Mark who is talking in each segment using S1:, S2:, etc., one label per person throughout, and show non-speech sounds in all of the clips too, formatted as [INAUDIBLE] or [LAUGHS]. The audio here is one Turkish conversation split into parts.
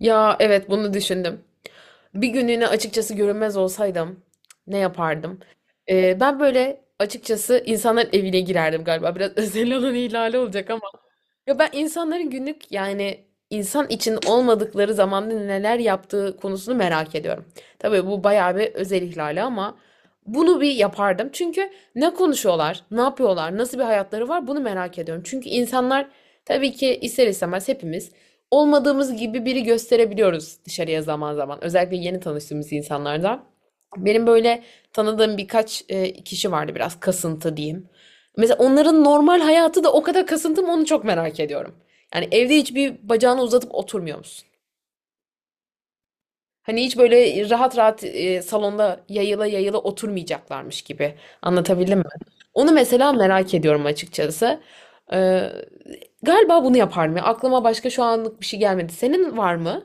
S1: Ya evet, bunu düşündüm. Bir günlüğüne açıkçası görünmez olsaydım ne yapardım? Ben böyle açıkçası insanların evine girerdim galiba. Biraz [LAUGHS] özel alan ihlali olacak ama. Ya ben insanların günlük, yani insan için olmadıkları zamanda neler yaptığı konusunu merak ediyorum. Tabii bu bayağı bir özel ihlali ama bunu bir yapardım. Çünkü ne konuşuyorlar, ne yapıyorlar, nasıl bir hayatları var, bunu merak ediyorum. Çünkü insanlar, tabii ki ister istemez, hepimiz olmadığımız gibi biri gösterebiliyoruz dışarıya zaman zaman. Özellikle yeni tanıştığımız insanlardan. Benim böyle tanıdığım birkaç kişi vardı, biraz kasıntı diyeyim. Mesela onların normal hayatı da o kadar kasıntı mı, onu çok merak ediyorum. Yani evde hiçbir bacağını uzatıp oturmuyor musun? Hani hiç böyle rahat rahat salonda yayıla yayıla oturmayacaklarmış gibi. Anlatabildim mi? Onu mesela merak ediyorum açıkçası. Ee, Galiba bunu yaparım ya. Aklıma başka şu anlık bir şey gelmedi. Senin var mı?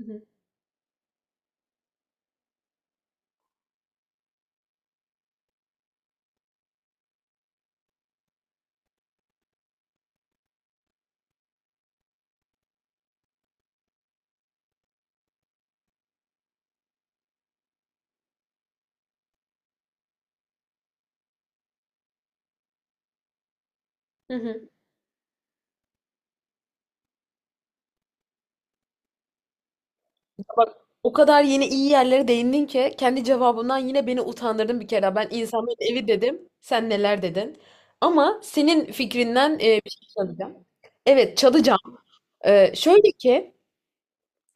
S1: Hı hı. Hı hı. Bak, o kadar yeni iyi yerlere değindin ki kendi cevabından yine beni utandırdın bir kere. Ben insanların evi dedim. Sen neler dedin? Ama senin fikrinden bir şey söyleyeceğim. Evet, çalacağım. Şöyle ki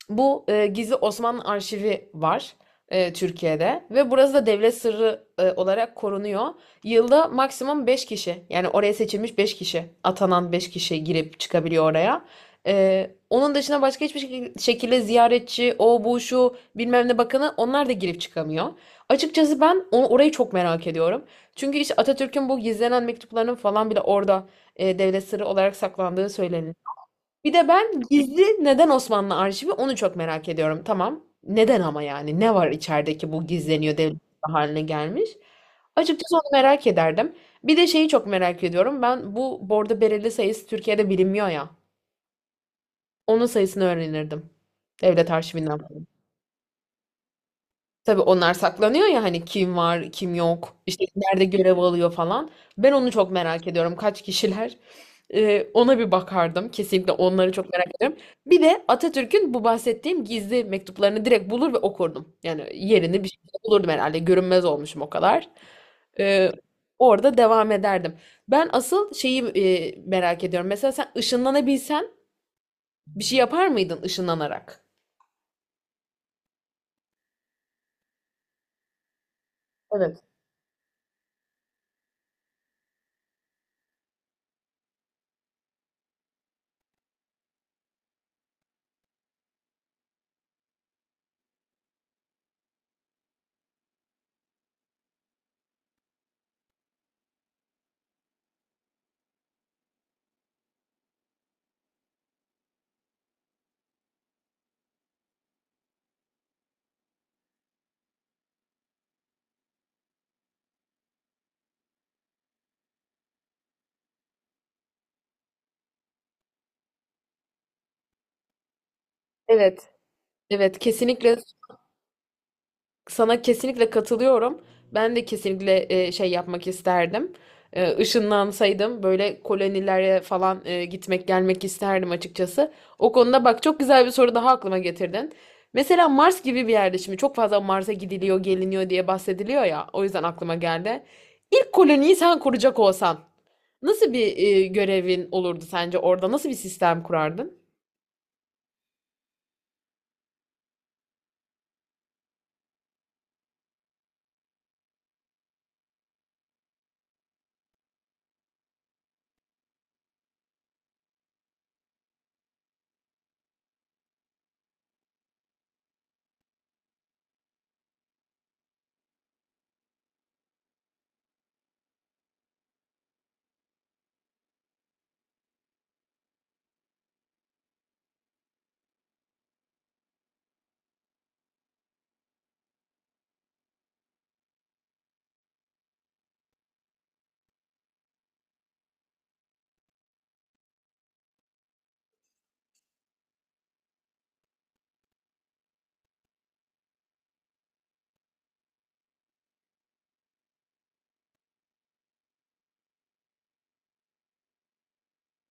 S1: bu Gizli Osmanlı Arşivi var Türkiye'de ve burası da devlet sırrı olarak korunuyor. Yılda maksimum 5 kişi, yani oraya seçilmiş 5 kişi, atanan 5 kişi girip çıkabiliyor oraya. Onun dışında başka hiçbir şekilde ziyaretçi, o bu şu bilmem ne bakanı, onlar da girip çıkamıyor. Açıkçası ben onu, orayı çok merak ediyorum. Çünkü işte Atatürk'ün bu gizlenen mektuplarının falan bile orada devlet sırrı olarak saklandığı söyleniyor. Bir de ben gizli neden Osmanlı arşivi, onu çok merak ediyorum. Tamam. Neden ama yani? Ne var içerideki bu gizleniyor, devlet haline gelmiş? Açıkçası onu merak ederdim. Bir de şeyi çok merak ediyorum. Ben bu bordo bereli sayısı Türkiye'de bilinmiyor ya. Onun sayısını öğrenirdim. Devlet arşivinden. Tabii onlar saklanıyor ya, hani kim var, kim yok, işte nerede görev alıyor falan. Ben onu çok merak ediyorum. Kaç kişiler? Ona bir bakardım. Kesinlikle onları çok merak ediyorum. Bir de Atatürk'ün bu bahsettiğim gizli mektuplarını direkt bulur ve okurdum. Yani yerini bir şekilde bulurdum herhalde. Görünmez olmuşum o kadar. Ee, Orada devam ederdim. Ben asıl şeyi merak ediyorum. Mesela sen ışınlanabilsen, bir şey yapar mıydın ışınlanarak? Evet. Evet. Evet, kesinlikle. Sana kesinlikle katılıyorum. Ben de kesinlikle şey yapmak isterdim. Işınlansaydım böyle kolonilere falan gitmek gelmek isterdim açıkçası. O konuda bak, çok güzel bir soru daha aklıma getirdin. Mesela Mars gibi bir yerde, şimdi çok fazla Mars'a gidiliyor, geliniyor diye bahsediliyor ya. O yüzden aklıma geldi. İlk koloniyi sen kuracak olsan, nasıl bir görevin olurdu sence orada? Nasıl bir sistem kurardın?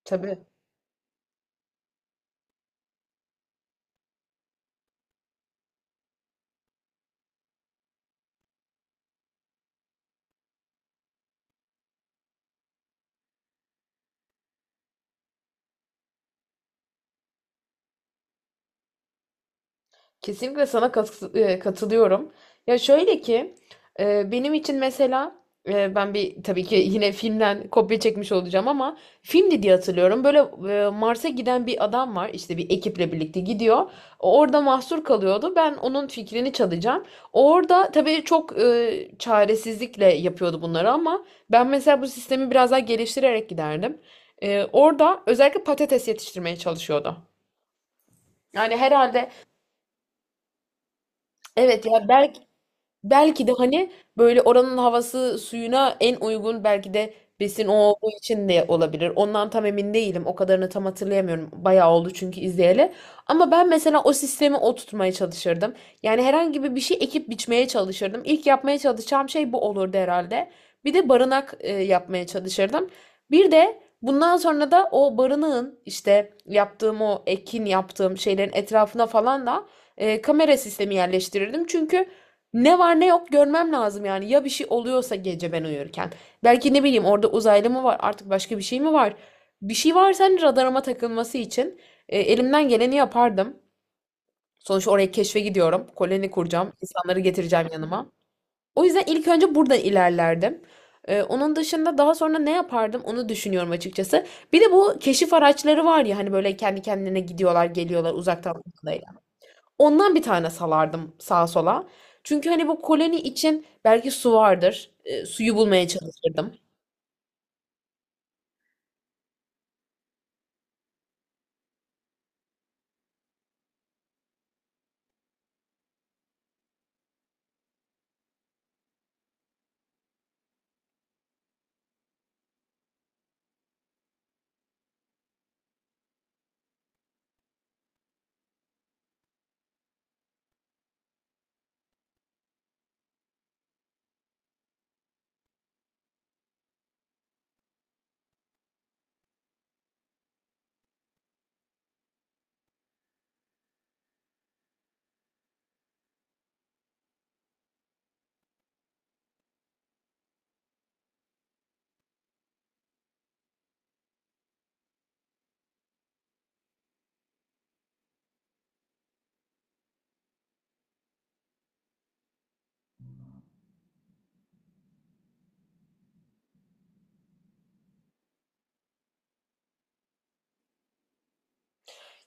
S1: Tabii. Kesinlikle sana katılıyorum. Ya şöyle ki, benim için mesela, ben bir, tabii ki yine filmden kopya çekmiş olacağım, ama filmdi diye hatırlıyorum. Böyle Mars'a giden bir adam var, işte bir ekiple birlikte gidiyor. Orada mahsur kalıyordu. Ben onun fikrini çalacağım. Orada tabii çok çaresizlikle yapıyordu bunları, ama ben mesela bu sistemi biraz daha geliştirerek giderdim. Orada özellikle patates yetiştirmeye çalışıyordu. Yani herhalde, evet ya, belki. De hani böyle oranın havası suyuna en uygun, belki de besin o olduğu için de olabilir. Ondan tam emin değilim. O kadarını tam hatırlayamıyorum. Bayağı oldu çünkü izleyeli. Ama ben mesela o sistemi oturtmaya çalışırdım. Yani herhangi bir şey ekip biçmeye çalışırdım. İlk yapmaya çalışacağım şey bu olurdu herhalde. Bir de barınak yapmaya çalışırdım. Bir de bundan sonra da o barınağın, işte yaptığım o ekin, yaptığım şeylerin etrafına falan da kamera sistemi yerleştirirdim. Çünkü ne var ne yok görmem lazım yani. Ya bir şey oluyorsa gece ben uyurken. Belki ne bileyim, orada uzaylı mı var artık, başka bir şey mi var? Bir şey varsa hani radarıma takılması için elimden geleni yapardım. Sonuçta oraya keşfe gidiyorum. Koloni kuracağım. İnsanları getireceğim yanıma. O yüzden ilk önce buradan ilerlerdim. Onun dışında daha sonra ne yapardım, onu düşünüyorum açıkçası. Bir de bu keşif araçları var ya, hani böyle kendi kendine gidiyorlar, geliyorlar uzaktan. Ondan bir tane salardım sağa sola. Çünkü hani bu koloni için belki su vardır. Suyu bulmaya çalışırdım.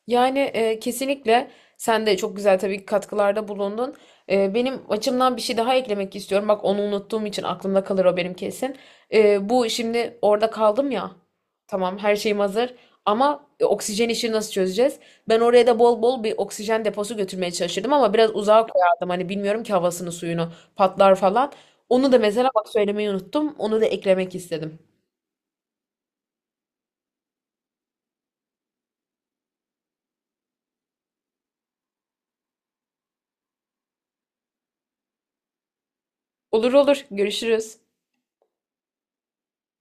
S1: Yani kesinlikle sen de çok güzel, tabii ki, katkılarda bulundun. Benim açımdan bir şey daha eklemek istiyorum. Bak, onu unuttuğum için aklımda kalır o benim, kesin. Bu, şimdi orada kaldım ya. Tamam, her şeyim hazır. Ama oksijen işini nasıl çözeceğiz? Ben oraya da bol bol bir oksijen deposu götürmeye çalışırdım, ama biraz uzağa koyardım. Hani bilmiyorum ki, havasını suyunu patlar falan. Onu da mesela bak, söylemeyi unuttum. Onu da eklemek istedim. Olur olur, görüşürüz.